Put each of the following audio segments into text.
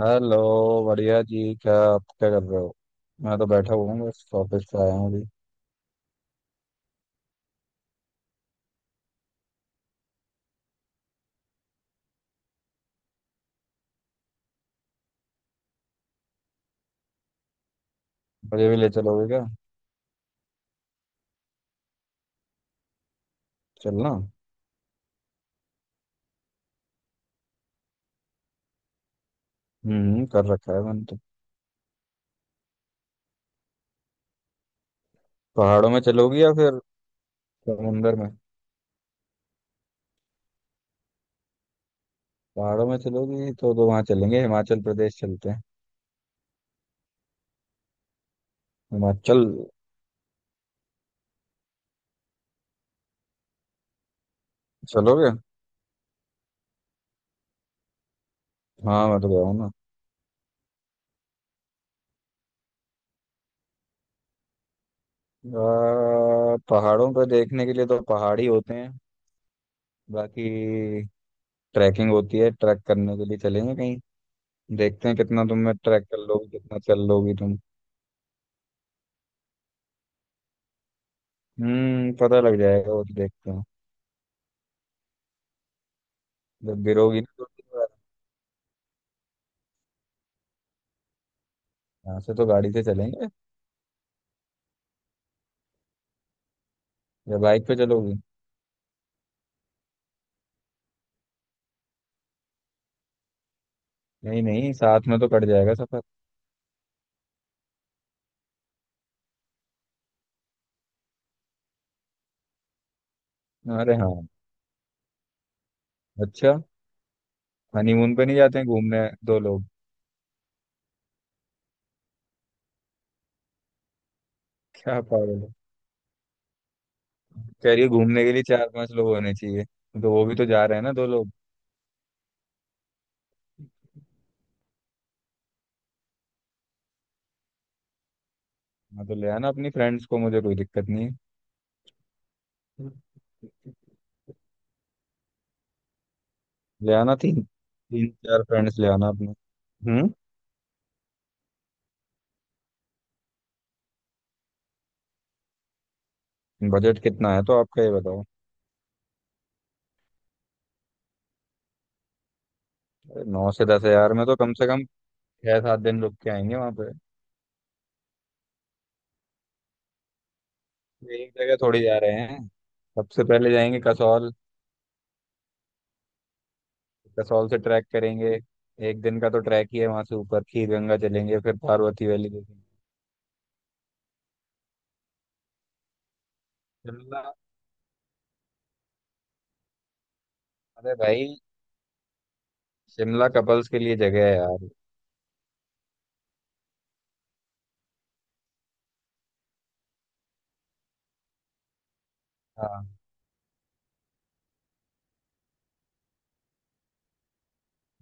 Hello. बढ़िया जी, क्या आप क्या कर रहे हो? मैं तो बैठा हुआ हूँ, बस ऑफिस से आया हूँ अभी। मुझे भी ले चलोगे क्या? चलना। कर रखा है मैंने तो। पहाड़ों में चलोगी या फिर समुंदर में? पहाड़ों में चलोगी तो वहाँ चलेंगे, हिमाचल प्रदेश चलते हैं। हिमाचल। चलोगे? हाँ, मैं तो गया हूँ ना। पहाड़ों पर देखने के लिए तो पहाड़ ही होते हैं। बाकी ट्रैकिंग होती है, ट्रैक करने के लिए चलेंगे कहीं। देखते हैं कितना तुम में ट्रैक कर लोगी, कितना चल लोगी तुम। पता लग जाएगा वो, तो देखते हैं। जब गिरोगी ना तो। यहाँ से तो गाड़ी से चलेंगे। या बाइक पे चलोगी? नहीं नहीं, साथ में तो कट जाएगा सफर। अरे हाँ। अच्छा। हनीमून पे नहीं जाते हैं घूमने दो लोग? क्या पागल है? कह रही है घूमने के लिए चार पांच लोग होने चाहिए, तो वो भी तो जा रहे हैं ना दो लोग। हाँ, तो ले आना अपनी फ्रेंड्स को, मुझे कोई दिक्कत नहीं है। ले आना, तीन तीन चार फ्रेंड्स ले आना अपने। हम्म। बजट कितना है तो आपका, ये बताओ। अरे, 9 से 10 हज़ार में तो कम से कम 6 7 दिन रुक के आएंगे वहां पे। एक जगह थोड़ी जा रहे हैं। सबसे पहले जाएंगे कसौल। कसौल से ट्रैक करेंगे। एक दिन का तो ट्रैक ही है, वहां से ऊपर खीर गंगा चलेंगे, फिर पार्वती वैली देखेंगे। शिमला? अरे भाई, शिमला कपल्स के लिए जगह है यार। हाँ।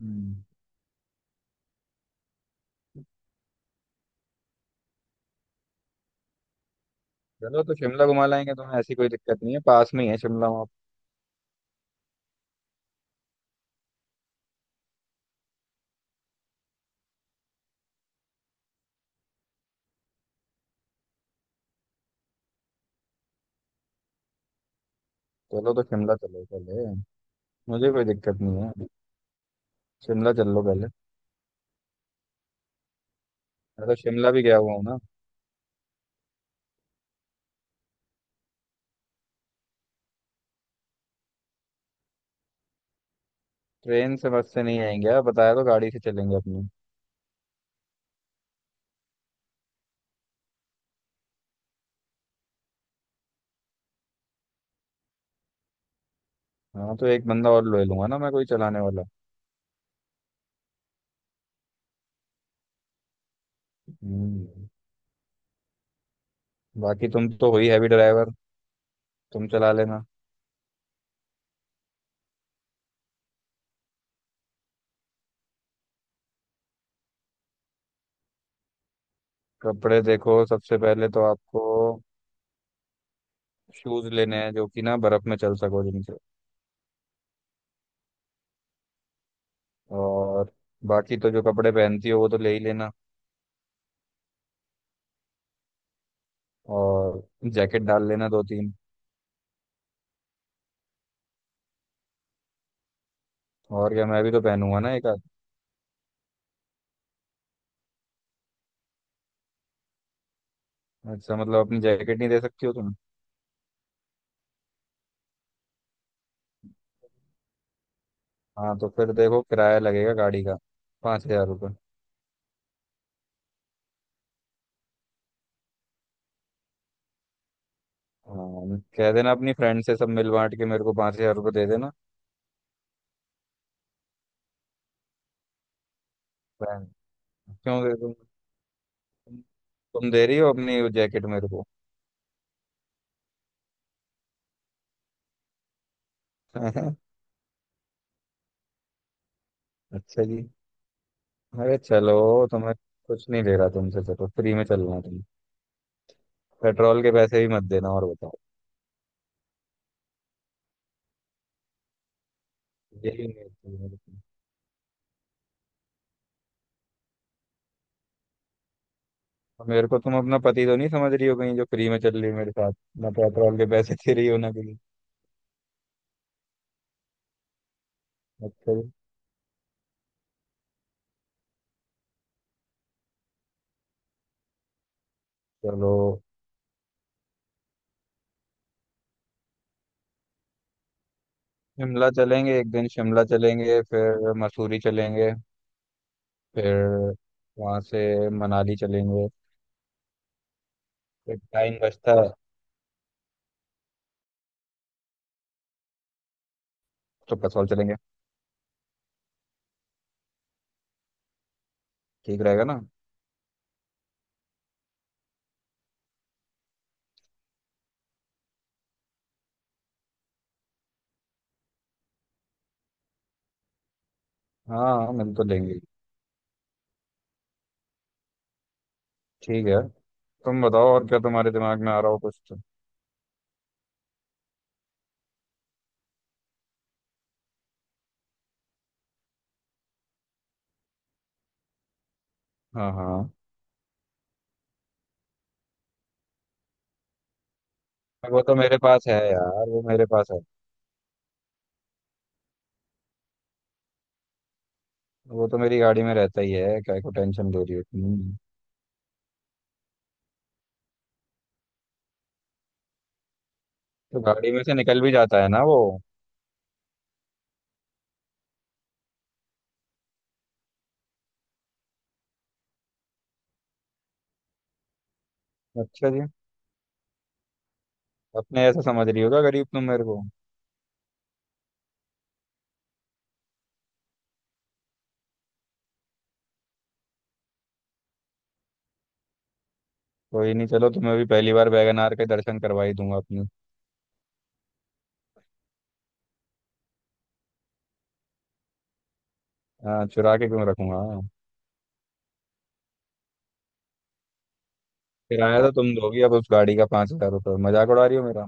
हम्म। चलो तो शिमला घुमा लाएंगे तुम्हें, ऐसी कोई दिक्कत नहीं है, पास में ही है शिमला वहाँ। चलो तो शिमला चलो पहले, मुझे कोई दिक्कत नहीं है। शिमला चल लो पहले। मैं तो शिमला भी गया हुआ हूँ ना। ट्रेन से बस से नहीं आएंगे यार, बताया तो गाड़ी से चलेंगे अपनी। हाँ, तो एक बंदा और ले लूंगा ना मैं, कोई चलाने वाला। हम्म। बाकी तुम तो हो ही हैवी ड्राइवर। तुम चला लेना। कपड़े देखो, सबसे पहले तो आपको शूज लेने हैं, जो कि ना बर्फ में चल सको जिनसे। और बाकी तो जो कपड़े पहनती हो वो तो ले ही लेना। और जैकेट डाल लेना दो तीन। और क्या, मैं भी तो पहनूंगा ना एक आध। अच्छा, मतलब अपनी जैकेट नहीं दे सकती हो तुम? हाँ, तो फिर देखो किराया लगेगा गाड़ी का, 5,000 रुपये। हाँ, कह देना अपनी फ्रेंड से, सब मिल बांट के मेरे को 5,000 रुपये दे देना। पहन- क्यों दे दूँ? तुम तुम दे रही हो अपनी वो जैकेट मेरे को? अच्छा जी। अरे चलो तो मैं कुछ नहीं ले रहा तुमसे, चलो फ्री में चलना तुम, पेट्रोल के पैसे भी मत देना और बताओ। यही उम्मीद थी मेरे को। और मेरे को तुम अपना पति तो नहीं समझ रही हो कहीं, जो फ्री में चल रही है मेरे साथ, ना पेट्रोल के पैसे दे रही हो ना कहीं। अच्छा जी। चलो, शिमला चलेंगे, एक दिन शिमला चलेंगे फिर मसूरी चलेंगे। फिर वहाँ से मनाली चलेंगे। फिर टाइम बचता है तो कसौल चलेंगे। ठीक रहेगा ना? हाँ, मिल तो लेंगे। ठीक है। तुम बताओ और क्या तुम्हारे दिमाग में आ रहा हो कुछ। हाँ हाँ, वो तो मेरे पास है यार, वो मेरे पास है। वो तो मेरी गाड़ी में रहता ही है, क्या को टेंशन दे रही हो तुम? तो गाड़ी में से निकल भी जाता है ना वो। अच्छा जी। अपने ऐसा समझ रही होगा गरीब तुम मेरे को। कोई नहीं, चलो तुम्हें भी पहली बार वैगनार के दर्शन करवा ही दूंगा अपने। हाँ, चुरा के क्यों रखूंगा? किराया तो तुम दोगी अब उस गाड़ी का, 5,000 रुपये, मजाक उड़ा रही हो मेरा?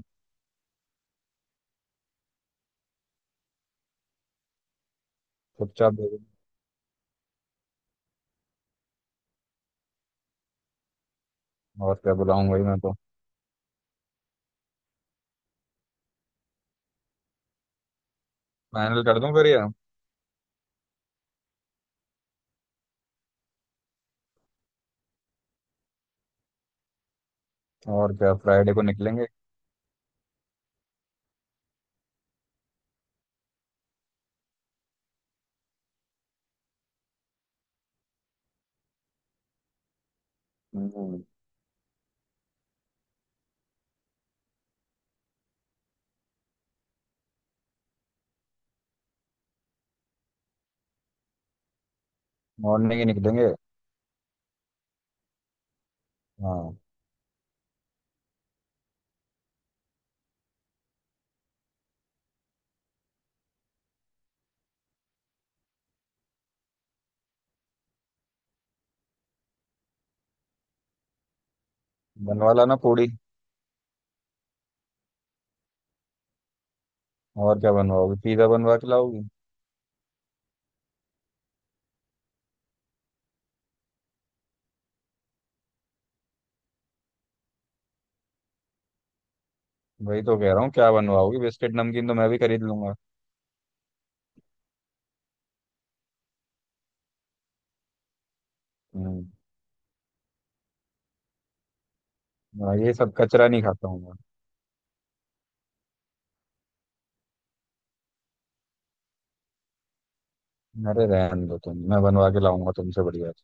चुपचाप दे दो। और क्या, बुलाऊंगा ही मैं तो। फाइनल कर दूं फिर ये? और क्या, फ्राइडे को निकलेंगे। हम्म, मॉर्निंग ही निकलेंगे। हाँ। बनवा लाना पूड़ी। और क्या बनवाओगी, पिज्जा बनवा के लाओगी? वही तो कह रहा हूँ, क्या बनवाओगी, बिस्किट नमकीन तो मैं भी खरीद लूंगा। हम्म। मैं ये सब कचरा नहीं खाता हूँ। मैं अरे रहने दो तुम, मैं बनवा के लाऊंगा तुमसे बढ़िया से।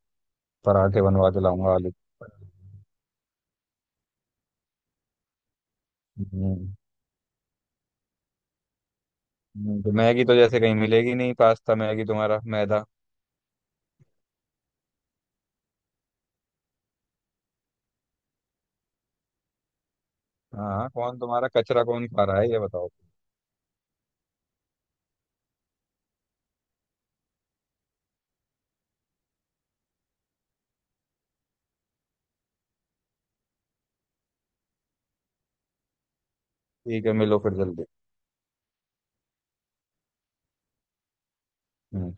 पराठे बनवा के लाऊंगा आलू। हम्म। तो मैगी तो जैसे कहीं मिलेगी नहीं, पास्ता मैगी तुम्हारा मैदा। हाँ, कौन तुम्हारा कचरा, कौन खा रहा है ये बताओ। ठीक है, मिलो फिर जल्दी। हम्म।